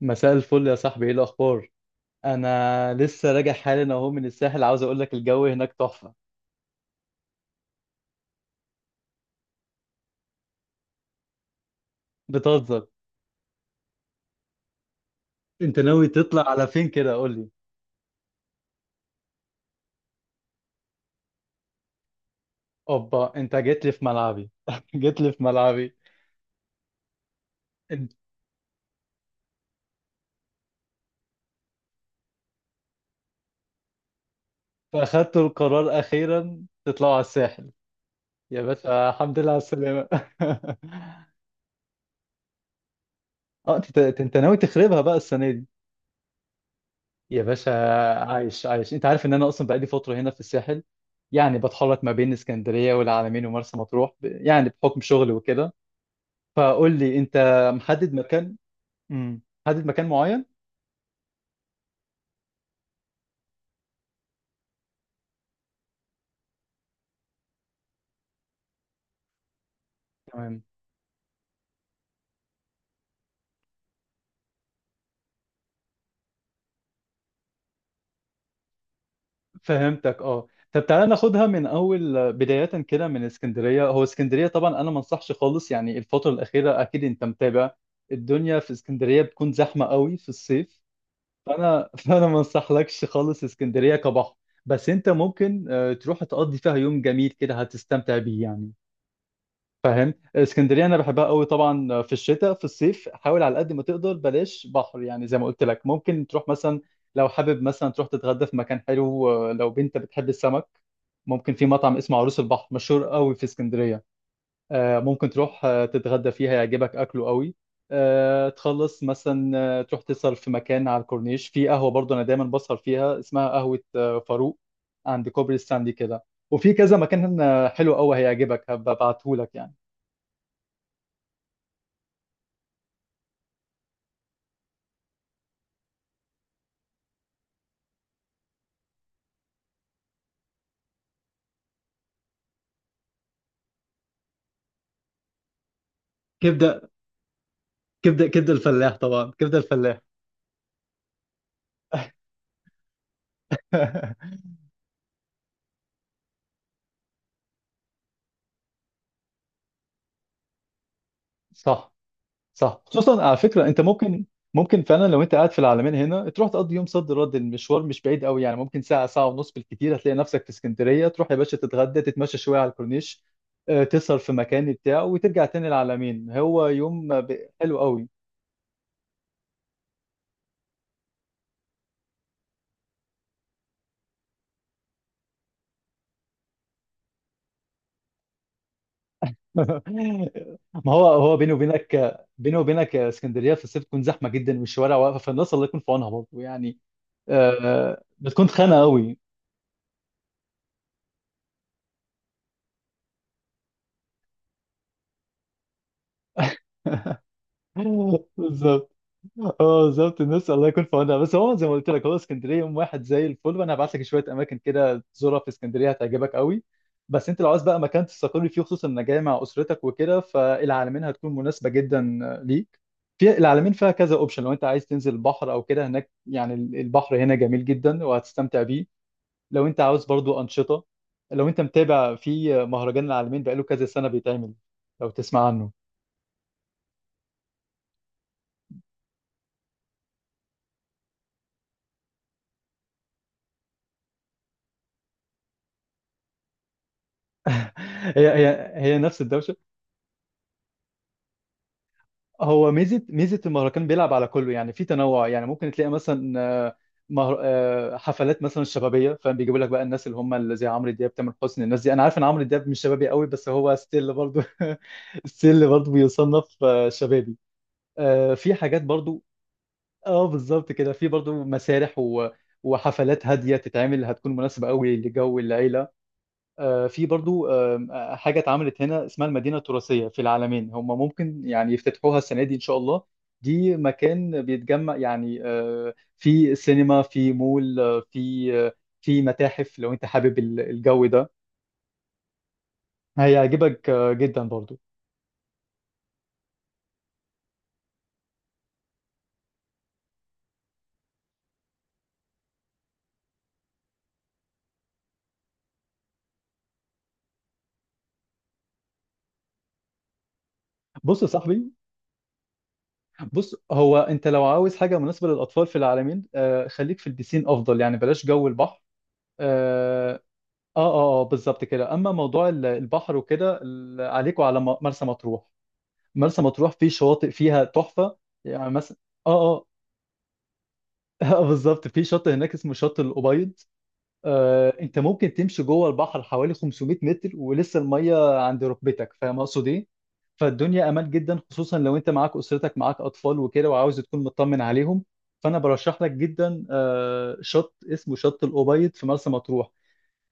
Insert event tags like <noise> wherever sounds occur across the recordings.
مساء الفل يا صاحبي، ايه الاخبار؟ انا لسه راجع حالا اهو من الساحل، عاوز اقول لك الجو هناك تحفه. بتهزر؟ انت ناوي تطلع على فين كده؟ قول لي. اوبا، انت جيت لي في ملعبي <laughs> جيت لي في ملعبي. انت اخدت القرار اخيرا تطلعوا على الساحل؟ يا باشا الحمد لله على السلامه <laughs> اه، انت ناوي تخربها بقى السنه دي؟ يا باشا، عايش عايش، انت عارف ان انا اصلا بقالي فتره هنا في الساحل. يعني بتحرك ما بين اسكندريه والعلمين ومرسى مطروح، يعني بحكم شغلي وكده. فقول لي انت، محدد مكان؟ امم محدد مكان معين؟ تمام. فهمتك. اه، طب تعالى ناخدها من اول بداية كده من اسكندرية. هو اسكندرية طبعا انا ما انصحش خالص، يعني الفترة الأخيرة اكيد انت متابع الدنيا في اسكندرية بتكون زحمة قوي في الصيف. فانا <laughs> فانا ما انصحلكش خالص اسكندرية كبحر. بس انت ممكن تروح تقضي فيها يوم جميل كده هتستمتع بيه يعني. فاهم؟ اسكندريه انا بحبها قوي طبعا في الشتاء. في الصيف حاول على قد ما تقدر بلاش بحر، يعني زي ما قلت لك ممكن تروح مثلا لو حابب مثلا تروح تتغدى في مكان حلو لو بنت بتحب السمك ممكن في مطعم اسمه عروس البحر، مشهور قوي في اسكندريه. ممكن تروح تتغدى فيه هيعجبك اكله قوي. تخلص مثلا تروح تسهر في مكان على الكورنيش في قهوه، برضه انا دايما بسهر فيها اسمها قهوه فاروق، عند كوبري ستانلي كده. وفي كذا مكان حلو قوي هيعجبك هبقى ابعتهولك يعني. كبده، كبده، كبده الفلاح طبعا، كبده الفلاح. <laughs> صح، صح، خصوصا على فكره. انت ممكن فعلا لو انت قاعد في العالمين هنا تروح تقضي يوم صد رد، المشوار مش بعيد قوي، يعني ممكن ساعه ساعه ونص بالكتير هتلاقي نفسك في اسكندريه، تروح يا باشا تتغدى تتمشى شويه على الكورنيش تسهر في مكان بتاع وترجع تاني العالمين. هو يوم حلو قوي. <laughs> ما هو هو بيني وبينك بيني وبينك اسكندريه في الصيف تكون زحمه جدا والشوارع واقفه، فالناس الله يكون في عونها برضه يعني. بتكون خانه قوي. <laughs> بالظبط. اه بالظبط الناس الله يكون في عونها، بس هو زي ما قلت لك، هو اسكندريه يوم واحد زي الفل، وانا هبعت لك شويه اماكن كده تزورها في اسكندريه هتعجبك قوي. بس انت لو عايز بقى مكان تستقر فيه خصوصا انك جاي مع اسرتك وكده فالعلمين هتكون مناسبه جدا ليك. في العلمين فيها كذا اوبشن، لو انت عايز تنزل البحر او كده هناك، يعني البحر هنا جميل جدا وهتستمتع بيه. لو انت عاوز برضو انشطه، لو انت متابع في مهرجان العالمين بقاله كذا سنه بيتعمل. لو تسمع عنه. <laughs> هي هي هي نفس الدوشه. هو ميزه المهرجان بيلعب على كله يعني في تنوع. يعني ممكن تلاقي مثلا آه، مهر... آه، حفلات مثلا شبابيه، فاهم؟ بيجيبوا لك بقى الناس اللي هم اللي زي عمرو دياب، تامر حسني، الناس دي. انا عارف ان عمرو دياب مش شبابي قوي، بس هو ستيل برضو. <laughs> ستيل برضو بيصنف شبابي. في حاجات برضو. اه بالظبط كده، في برضو مسارح و... وحفلات هاديه تتعمل هتكون مناسبه قوي لجو العيله. في برضو آم، آه، حاجة اتعملت هنا اسمها المدينة التراثية في العالمين، هم ممكن يعني يفتتحوها السنة دي إن شاء الله. دي مكان بيتجمع، يعني في سينما، في مول في متاحف لو أنت حابب الجو ده هيعجبك جدا برضو. بص يا صاحبي، بص هو أنت لو عاوز حاجة مناسبة للأطفال في العالمين خليك في البسين أفضل، يعني بلاش جو البحر. اه. اه, بالظبط كده. اما موضوع البحر وكده عليكوا على مرسى مطروح. مرسى مطروح في شواطئ فيها تحفة. يعني مثلا، اه، اه، <laughs> بالظبط، في شاطئ هناك اسمه شاطئ الأبيض. آه انت ممكن تمشي جوه البحر حوالي 500 متر ولسه المية عند ركبتك، فاهم اقصد ايه؟ فالدنيا امان جدا، خصوصا لو انت معاك اسرتك معاك اطفال وكده وعاوز تكون مطمن عليهم. فانا برشح لك جدا آه شط اسمه شط الأبيض في مرسى مطروح.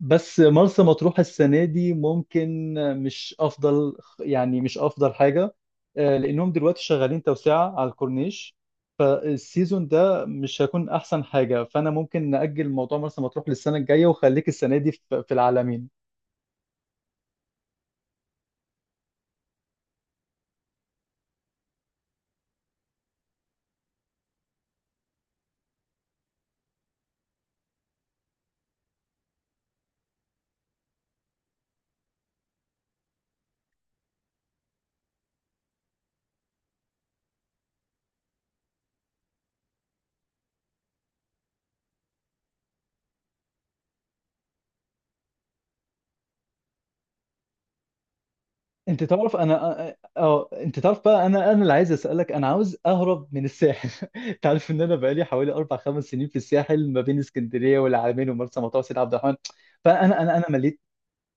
بس مرسى مطروح السنة دي ممكن مش أفضل، يعني مش أفضل حاجة لأنهم دلوقتي شغالين توسعة على الكورنيش، فالسيزون ده مش هيكون أحسن حاجة. فأنا ممكن نأجل موضوع مرسى مطروح للسنة الجاية وخليك السنة دي في العالمين. أنت تعرف أنا أه آه، أنت تعرف بقى أنا اللي عايز أسألك. أنا عاوز أهرب من الساحل <laughs> أنت عارف إن أنا بقالي حوالي 4 5 سنين في الساحل، ما بين اسكندرية والعالمين ومرسى مطروح وسيد عبد الرحمن. فأنا أنا أنا مليت،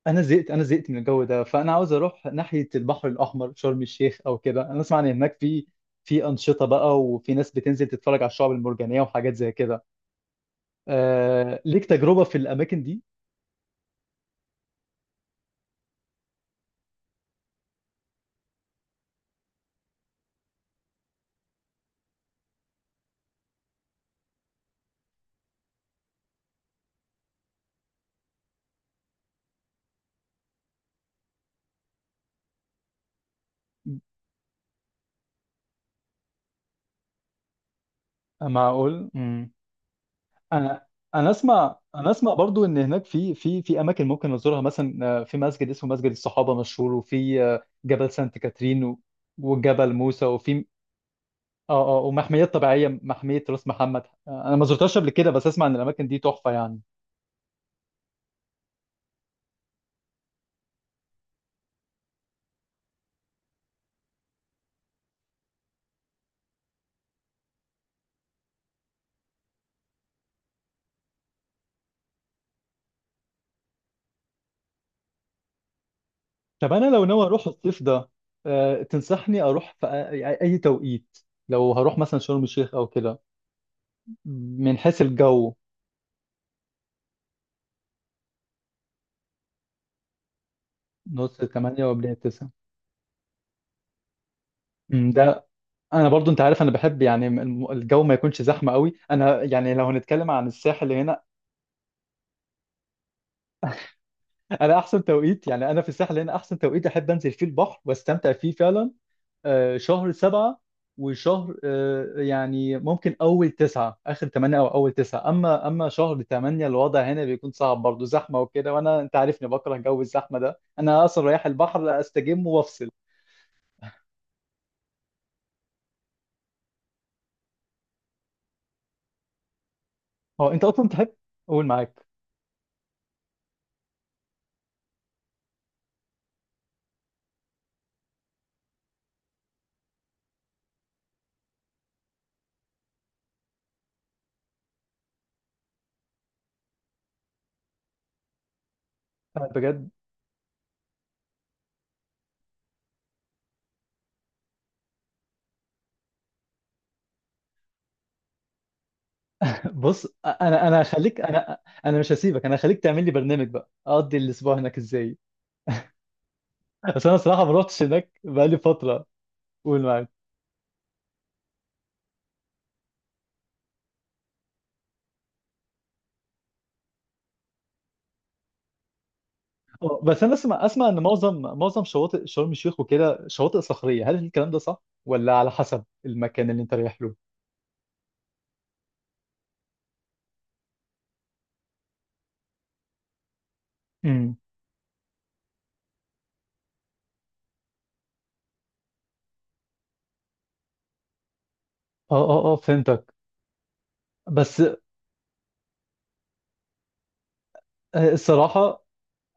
انا زهقت، انا زهقت من الجو ده. فانا عاوز اروح ناحيه البحر الاحمر، شرم الشيخ او كده. انا اسمع ان هناك في انشطه بقى وفي ناس بتنزل تتفرج على الشعب المرجانيه وحاجات زي كده. ليك تجربه في الاماكن دي؟ معقول. انا انا اسمع برضو ان هناك في اماكن ممكن نزورها، مثلا في مسجد اسمه مسجد الصحابه مشهور، وفي جبل سانت كاترين وجبل موسى، وفي اه ومحميات طبيعيه، محميه راس محمد. انا ما زرتهاش قبل كده بس اسمع ان الاماكن دي تحفه يعني. طب انا لو ناوي اروح الصيف ده تنصحني اروح في يعني اي توقيت لو هروح مثلا شرم الشيخ او كده من حيث الجو؟ نص 8 وبداية 9. ده انا برضو انت عارف انا بحب يعني الجو ما يكونش زحمه قوي. انا يعني لو هنتكلم عن الساحل هنا، انا احسن توقيت، يعني انا في الساحل هنا احسن توقيت احب انزل فيه البحر واستمتع فيه فعلا شهر 7 وشهر يعني ممكن أول 9 آخر 8 أو أول 9. أما شهر 8 الوضع هنا بيكون صعب برضه، زحمة وكده. وأنا أنت عارفني بكره جو الزحمة ده. أنا أصلا رايح البحر أستجم وأفصل. هو أنت أصلا تحب أقول معاك أنا بجد. <laughs> بص أنا هخليك، أنا مش هسيبك، أنا هخليك تعمل لي برنامج بقى أقضي الأسبوع هناك إزاي. بس أنا صراحة ما رحتش هناك بقالي فترة. قول معاك. اه بس انا اسمع ان معظم شواطئ شرم الشيخ وكده شواطئ صخريه، هل الكلام ده صح ولا على حسب المكان اللي انت رايح له؟ امم. اه اه اه فهمتك. بس الصراحه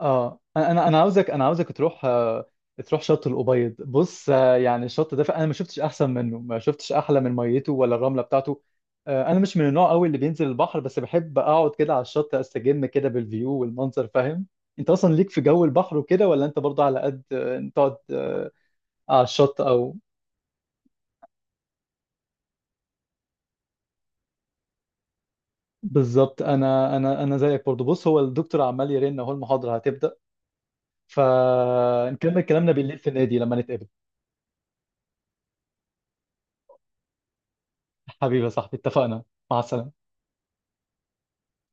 اه انا عاوزك تروح تروح شط الابيض. بص يعني الشط ده انا ما شفتش احسن منه، ما شفتش احلى من ميته ولا الرمله بتاعته. انا مش من النوع قوي اللي بينزل البحر، بس بحب اقعد كده على الشط استجم كده بالفيو والمنظر، فاهم؟ انت اصلا ليك في جو البحر وكده ولا انت برضه على قد تقعد على الشط او بالظبط. انا زيك برضه. بص، هو الدكتور عمال يرن اهو، المحاضره هتبدا، فنكمل كلامنا بالليل في النادي لما نتقابل. حبيبي يا صاحبي، اتفقنا. مع السلامه.